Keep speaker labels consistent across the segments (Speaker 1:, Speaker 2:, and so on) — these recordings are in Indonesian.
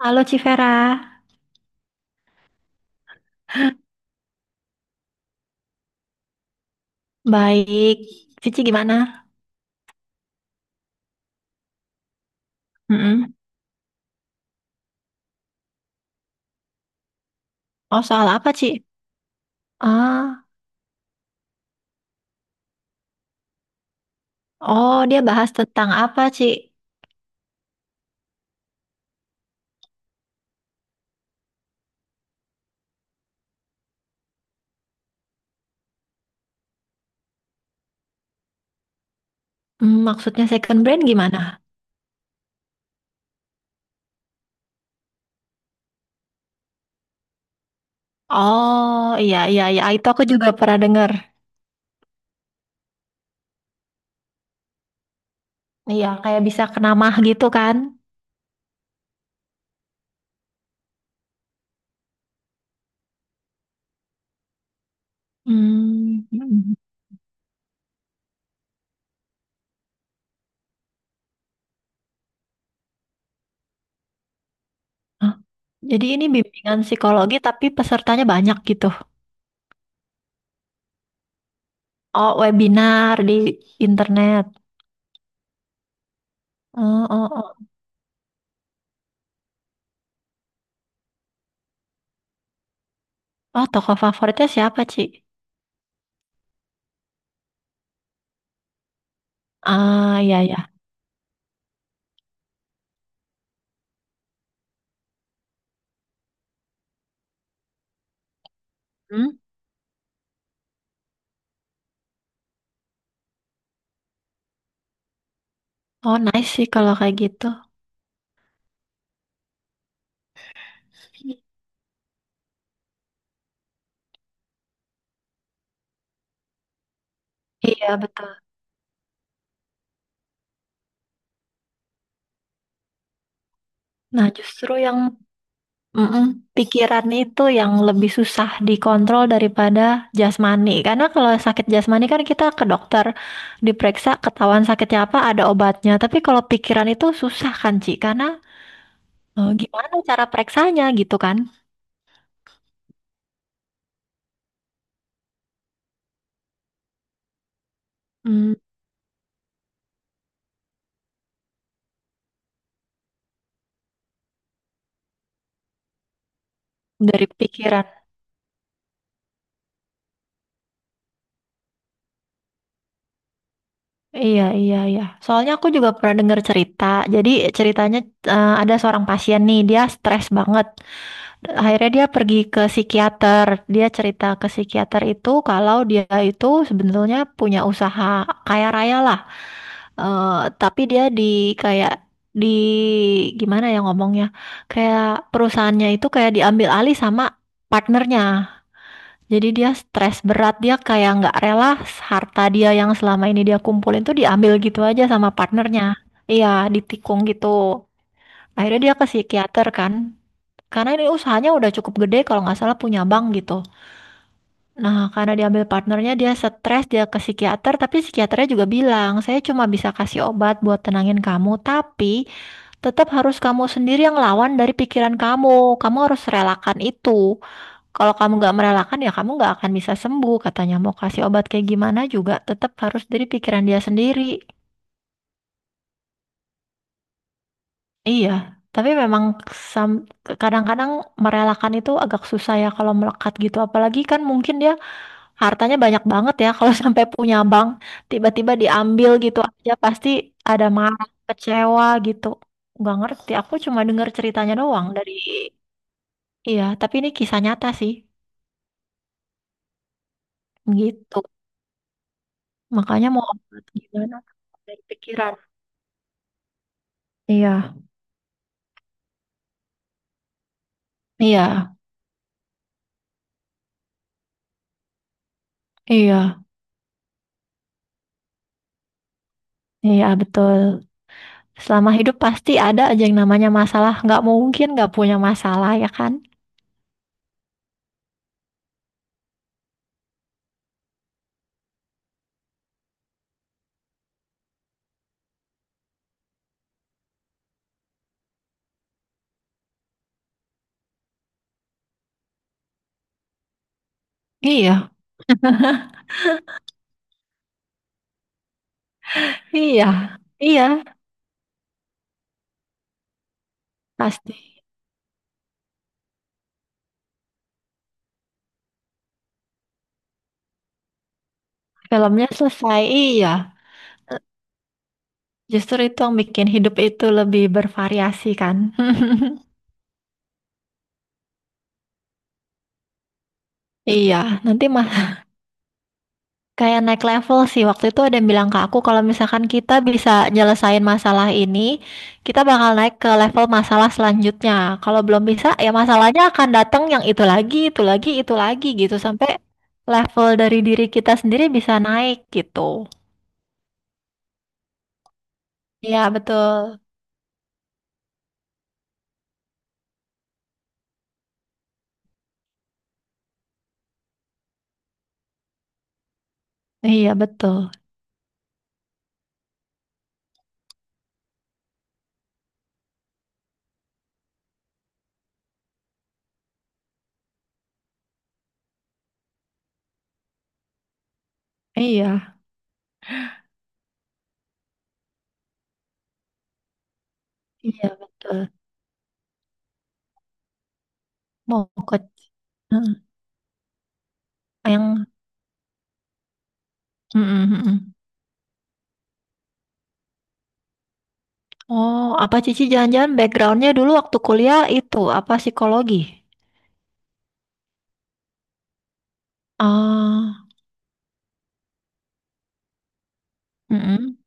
Speaker 1: Halo Civera, baik. Cici gimana? Mm-mm. Oh, soal apa, Ci? Ah, oh, dia bahas tentang apa, Ci? Hmm, maksudnya second brand gimana? Oh, iya, iya, iya. Ah, itu aku juga pernah dengar. Iya, kayak bisa kenamah gitu kan? Hmm. Mm-mm. Hah. Jadi ini bimbingan psikologi tapi pesertanya banyak gitu. Oh, webinar di internet. Oh, oh, oh. Oh, tokoh favoritnya siapa, Ci? Ah, iya, iya. Hmm? Oh, nice sih kalau kayak gitu. Iya, betul. Nah, justru yang, mm-mm, pikiran itu yang lebih susah dikontrol daripada jasmani. Karena kalau sakit jasmani kan kita ke dokter, diperiksa, ketahuan sakitnya apa, ada obatnya. Tapi kalau pikiran itu susah kan, Ci? Karena gimana cara periksanya gitu kan? Hmm, dari pikiran. Iya, iya, iya. Soalnya aku juga pernah dengar cerita. Jadi ceritanya ada seorang pasien nih, dia stres banget. Akhirnya dia pergi ke psikiater. Dia cerita ke psikiater itu kalau dia itu sebenarnya punya usaha kaya raya lah. Eh, tapi dia di kayak di gimana ya ngomongnya? Kayak perusahaannya itu kayak diambil alih sama partnernya. Jadi dia stres berat, dia kayak nggak rela harta dia yang selama ini dia kumpulin tuh diambil gitu aja sama partnernya. Iya, ditikung gitu. Akhirnya dia ke psikiater kan. Karena ini usahanya udah cukup gede kalau nggak salah punya bank gitu. Nah, karena diambil partnernya dia stres, dia ke psikiater, tapi psikiaternya juga bilang, saya cuma bisa kasih obat buat tenangin kamu, tapi tetap harus kamu sendiri yang lawan dari pikiran kamu. Kamu harus relakan itu. Kalau kamu nggak merelakan, ya kamu nggak akan bisa sembuh. Katanya mau kasih obat kayak gimana juga tetap harus dari pikiran dia sendiri. Iya, tapi memang kadang-kadang merelakan itu agak susah ya kalau melekat gitu. Apalagi kan mungkin dia hartanya banyak banget ya kalau sampai punya bank, tiba-tiba diambil gitu aja pasti ada marah, kecewa gitu. Nggak ngerti, aku cuma dengar ceritanya doang dari. Iya, tapi ini kisah nyata sih. Gitu. Makanya mau obat gimana dari pikiran. Iya, iya, iya, iya, betul. Selama hidup pasti ada aja yang namanya masalah. Nggak mungkin nggak punya masalah ya kan? Iya, iya, iya, pasti. Filmnya selesai, iya. Justru itu yang bikin hidup itu lebih bervariasi kan. Iya, nanti mah kayak naik level sih. Waktu itu ada yang bilang ke aku kalau misalkan kita bisa nyelesain masalah ini, kita bakal naik ke level masalah selanjutnya. Kalau belum bisa, ya masalahnya akan datang yang itu lagi, itu lagi, itu lagi gitu sampai level dari diri kita sendiri bisa naik gitu. Iya, betul. Iya, betul. Iya. Iya, betul. Mau ke. Heeh, yang. Mm-mm, mm-mm. Oh, apa Cici jangan-jangan backgroundnya dulu waktu kuliah itu apa psikologi? Ah, mm-mm.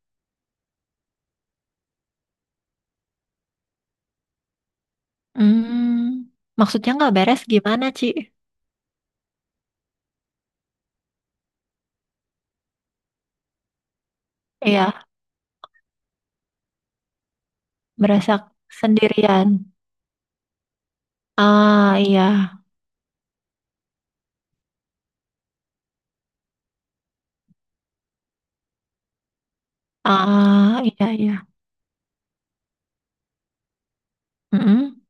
Speaker 1: Hmm, maksudnya nggak beres gimana, Ci? Iya, berasa sendirian. Ah, iya. Ah, iya, iya. Mm-mm.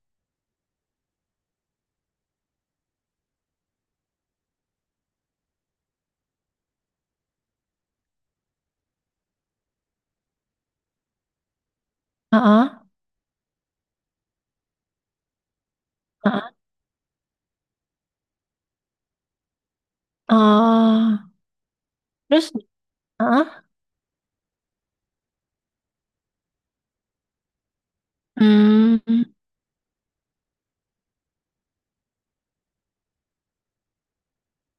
Speaker 1: Ah, ah, ah. Ah. Terus, ah, hmm,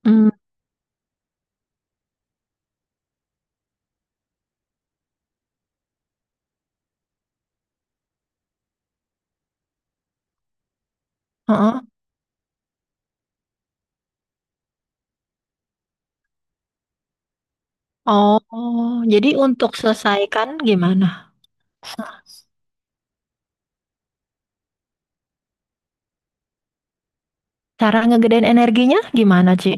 Speaker 1: hmm, ah. Oh, jadi untuk selesaikan gimana? Cara ngegedein energinya gimana, Ci?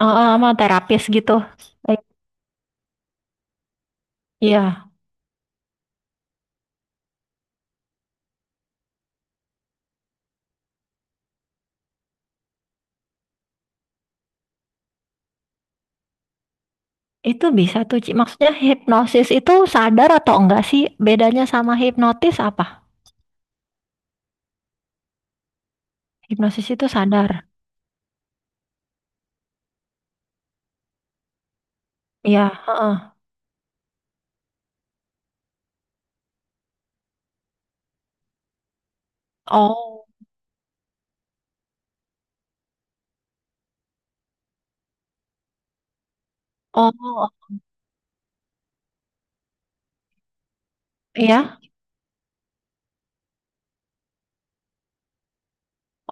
Speaker 1: Eh, eh, sama terapis gitu. Eh, Iya, itu bisa tuh, Ci. Maksudnya hipnosis itu sadar atau enggak sih? Bedanya sama hipnotis apa? Hipnosis itu sadar. Iya, heeh. Oh, oh, oh, iya.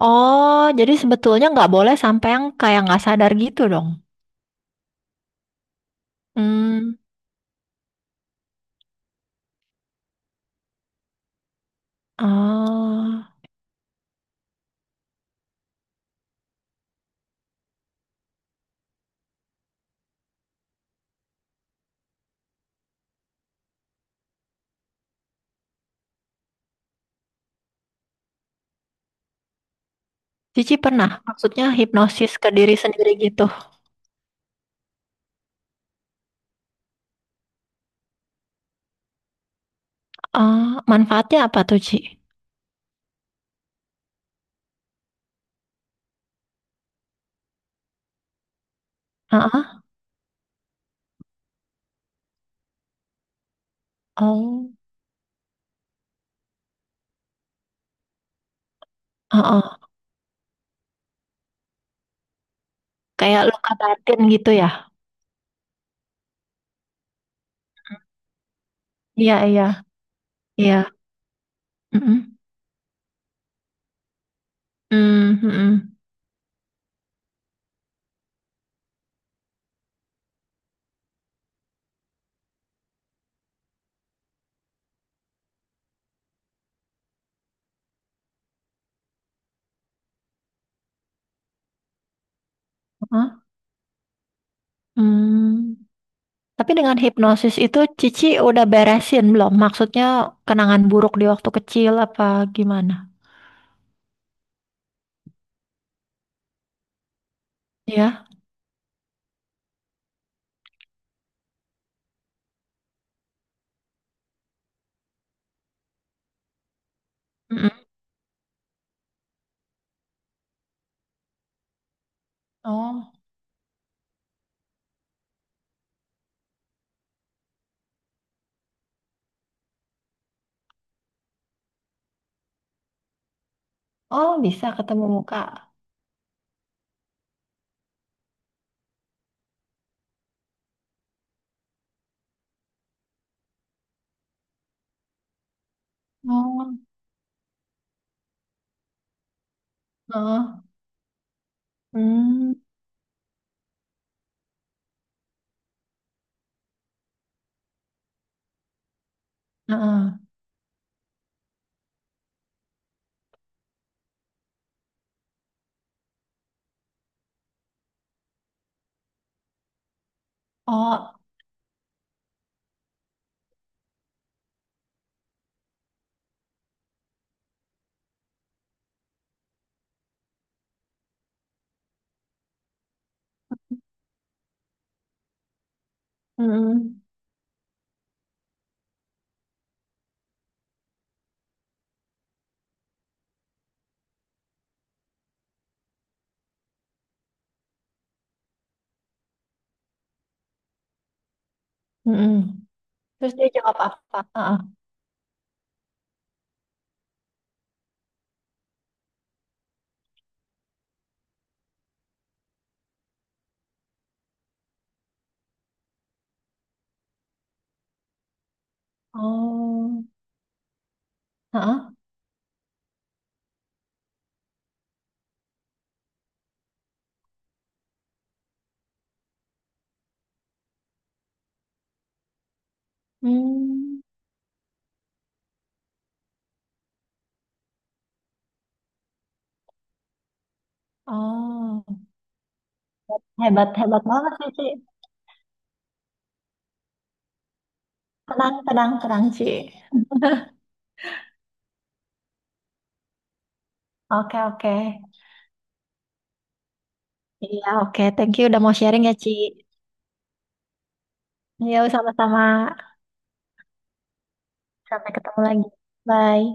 Speaker 1: Oh, jadi sebetulnya nggak boleh sampai yang kayak nggak sadar gitu dong. Hmm, oh. Cici pernah, maksudnya hipnosis ke diri sendiri gitu. Ah, manfaatnya apa tuh, Ci? Heeh. Oh, heeh. Kayak luka batin gitu ya? Iya, iya. Iya, mhm, mmm, mhm, heeh, mmm, tapi dengan hipnosis itu Cici udah beresin belum? Maksudnya kenangan buruk di waktu kecil apa gimana? Iya? Mhm. Oh, oh, bisa ketemu muka? Oh, heeh, hmm, heeh, oh, mhm, mhm, terus dia jawab apa? Heeh, oh, heeh, hmm, oh, hebat, hebat banget Cici, tenang, tenang, tenang, Ci, oke, oke. Iya, oke. Thank you udah mau sharing ya, Ci. Yo, sama-sama. Sampai ketemu lagi. Bye.